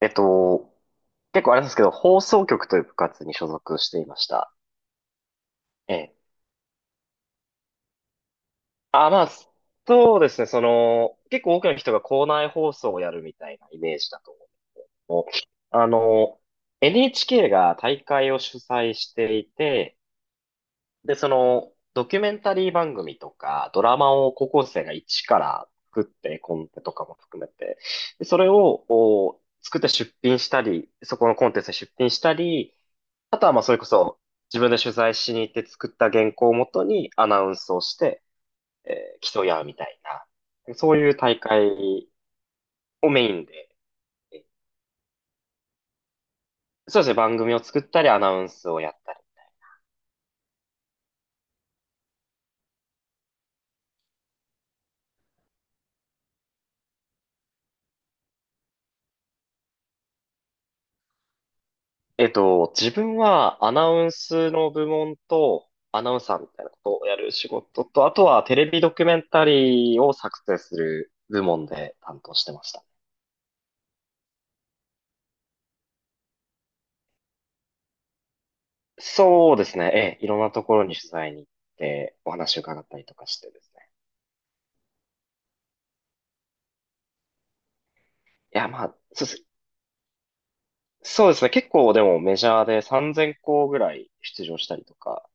えっと、結構あれなんですけど、放送局という部活に所属していました。ええ。あ、まあ、そうですね、結構多くの人が校内放送をやるみたいなイメージだと思う。あの、NHK が大会を主催していて、で、ドキュメンタリー番組とか、ドラマを高校生が一から作って、コンテとかも含めて、でそれを、お作って出品したり、そこのコンテンツに出品したり、あとはまあそれこそ自分で取材しに行って作った原稿をもとにアナウンスをして競い合うみたいな、そういう大会をメインで、そうですね、番組を作ったりアナウンスをやったり。自分はアナウンスの部門とアナウンサーみたいなことをやる仕事と、あとはテレビドキュメンタリーを作成する部門で担当してました。そうですね、ええ、いろんなところに取材に行ってお話を伺ったりとかしてですね。いや、まあ、そうですね。そうですね。結構でもメジャーで3000校ぐらい出場したりとか、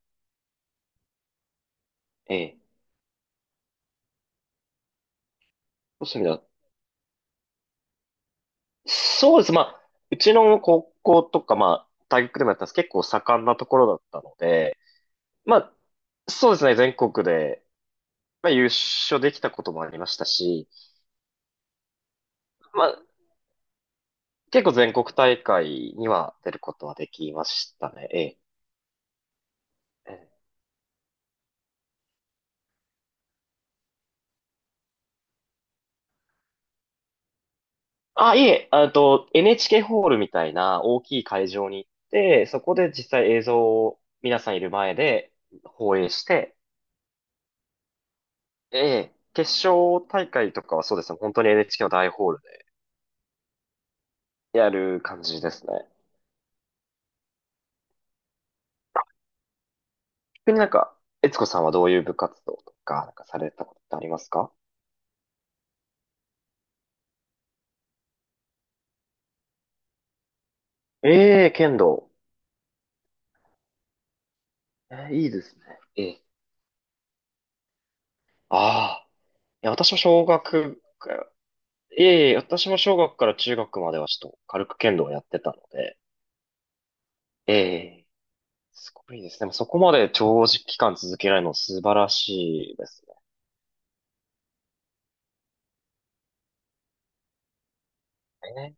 ええ。そういう意味では、そうです。まあ、うちの高校とか、まあ、大学でもやったんですけど結構盛んなところだったので、まあ、そうですね。全国で、まあ、優勝できたこともありましたし、まあ、結構全国大会には出ることはできましたね。ええ。あ、いえ、あと、NHK ホールみたいな大きい会場に行って、そこで実際映像を皆さんいる前で放映して、ええ、決勝大会とかはそうですね、本当に NHK の大ホールでやる感じですね。逆になんか、悦子さんはどういう部活動とか、なんかされたことってありますか？ええ、剣道。ええ、いいですね。ええ。ああ。いや、私も小学から、ええ、私も小学から中学まではちょっと軽く剣道をやってたので、ええ。すごいですね。でもそこまで長時間続けられるの素晴らしいですね。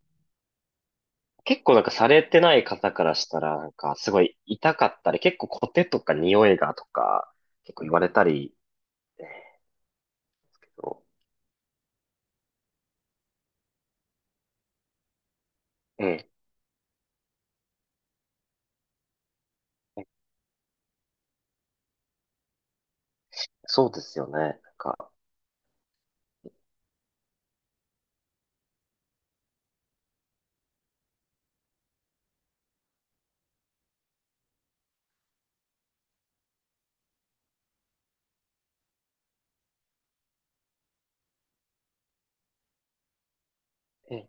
結構なんかされてない方からしたら、なんかすごい痛かったり、結構コテとか匂いがとか、結構言われたり、えーとええ、そうですよね。なんか、ええ、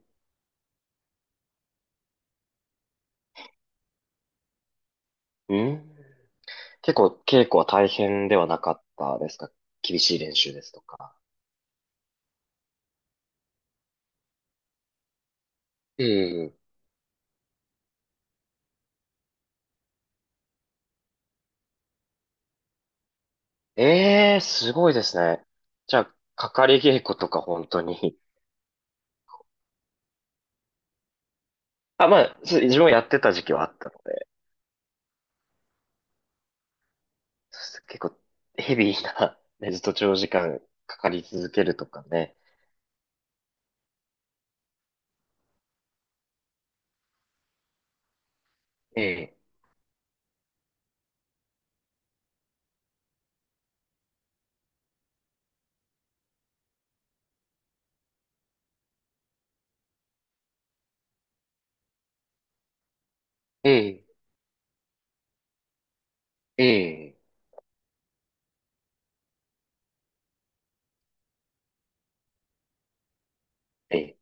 うん。結構稽古は大変ではなかったですか？厳しい練習ですとか。ええ、ええ、すごいですね。じゃあ、かかり稽古とか本当に。あ、まあ、そう自分もやってた時期はあったので、結構ヘビーな、ね、ずっと長時間かかり続けるとかね。ええ、ええ、ええ、ええ、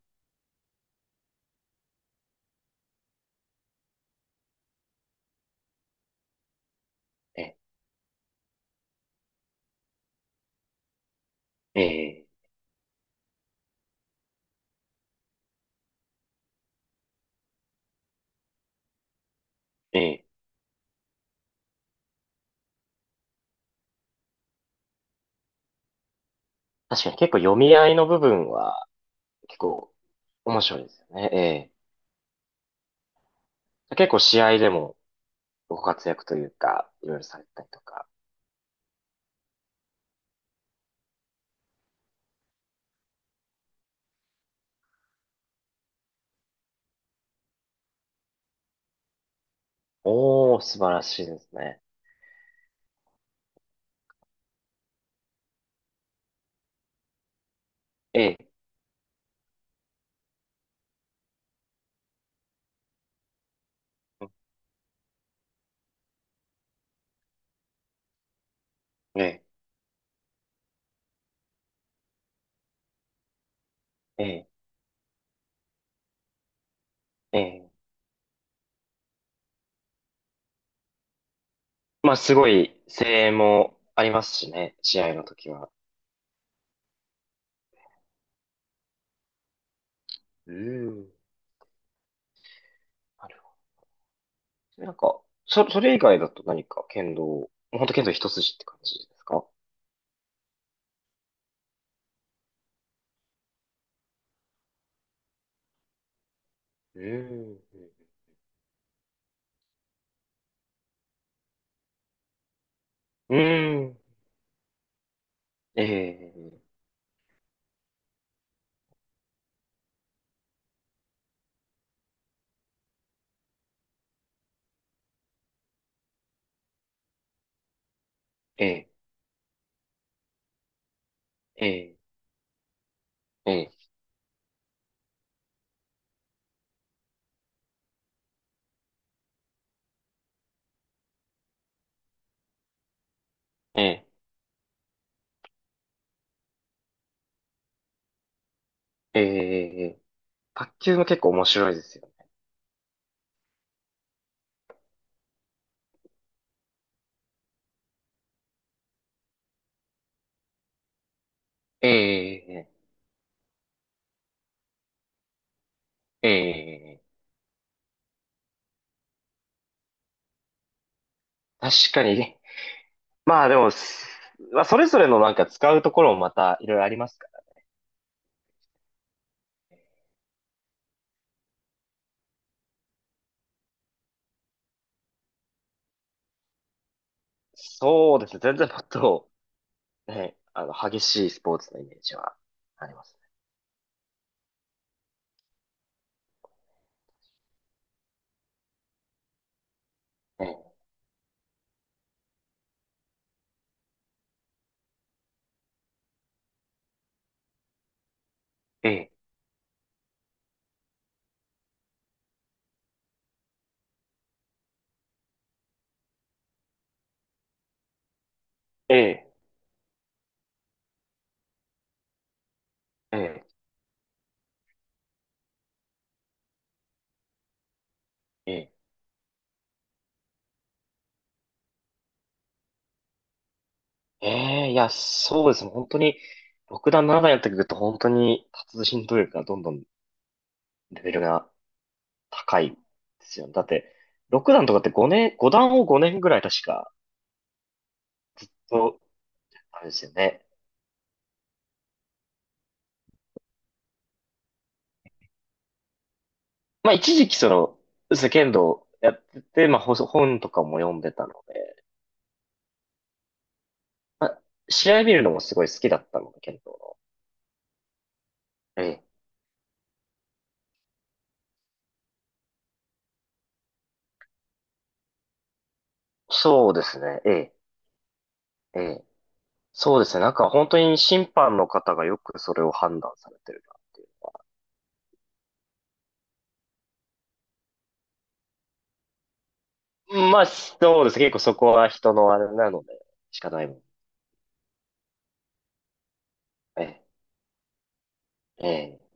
ええ、ええ、ええ、確かに結構読み合いの部分は結構面白いですよね。ええ。結構試合でもご活躍というか、いろいろされたりとか。おー、素晴らしいですね。ええ、ええ、ええ、ええ。まあ、すごい声援もありますしね、試合の時は。うん。なるほど。なんか、それ以外だと何か剣道、もう本当剣道一筋って感じですか？うん。うん。ええ、ええ、ええ、ええ、ええ、ええ、卓球も結構面白いですよね。ええ、ええ、ええ、確かにね。まあでも、まあそれぞれのなんか使うところもまたいろいろありますから。そうですね。全然もっとね、激しいスポーツのイメージはありますね。ええ、ええ、ええ、ええ、ええ、いや、そうですね。本当に、6段、7段やってくると、本当に、達人とい力がどんどんレベルが高いですよね。だって、6段とかって5年、5段を5年ぐらい確か、そう、あれですよね。まあ、一時期そうですね剣道やってて、まあ、本とかも読んでたので、まあ、試合見るのもすごい好きだったので、剣道の。ええ、そうですね。ええ、ええ。そうですね。なんか本当に審判の方がよくそれを判断されてるなっていう。まあ、そうです。結構そこは人のあれなので、仕方ないもんね。ええ、ええ。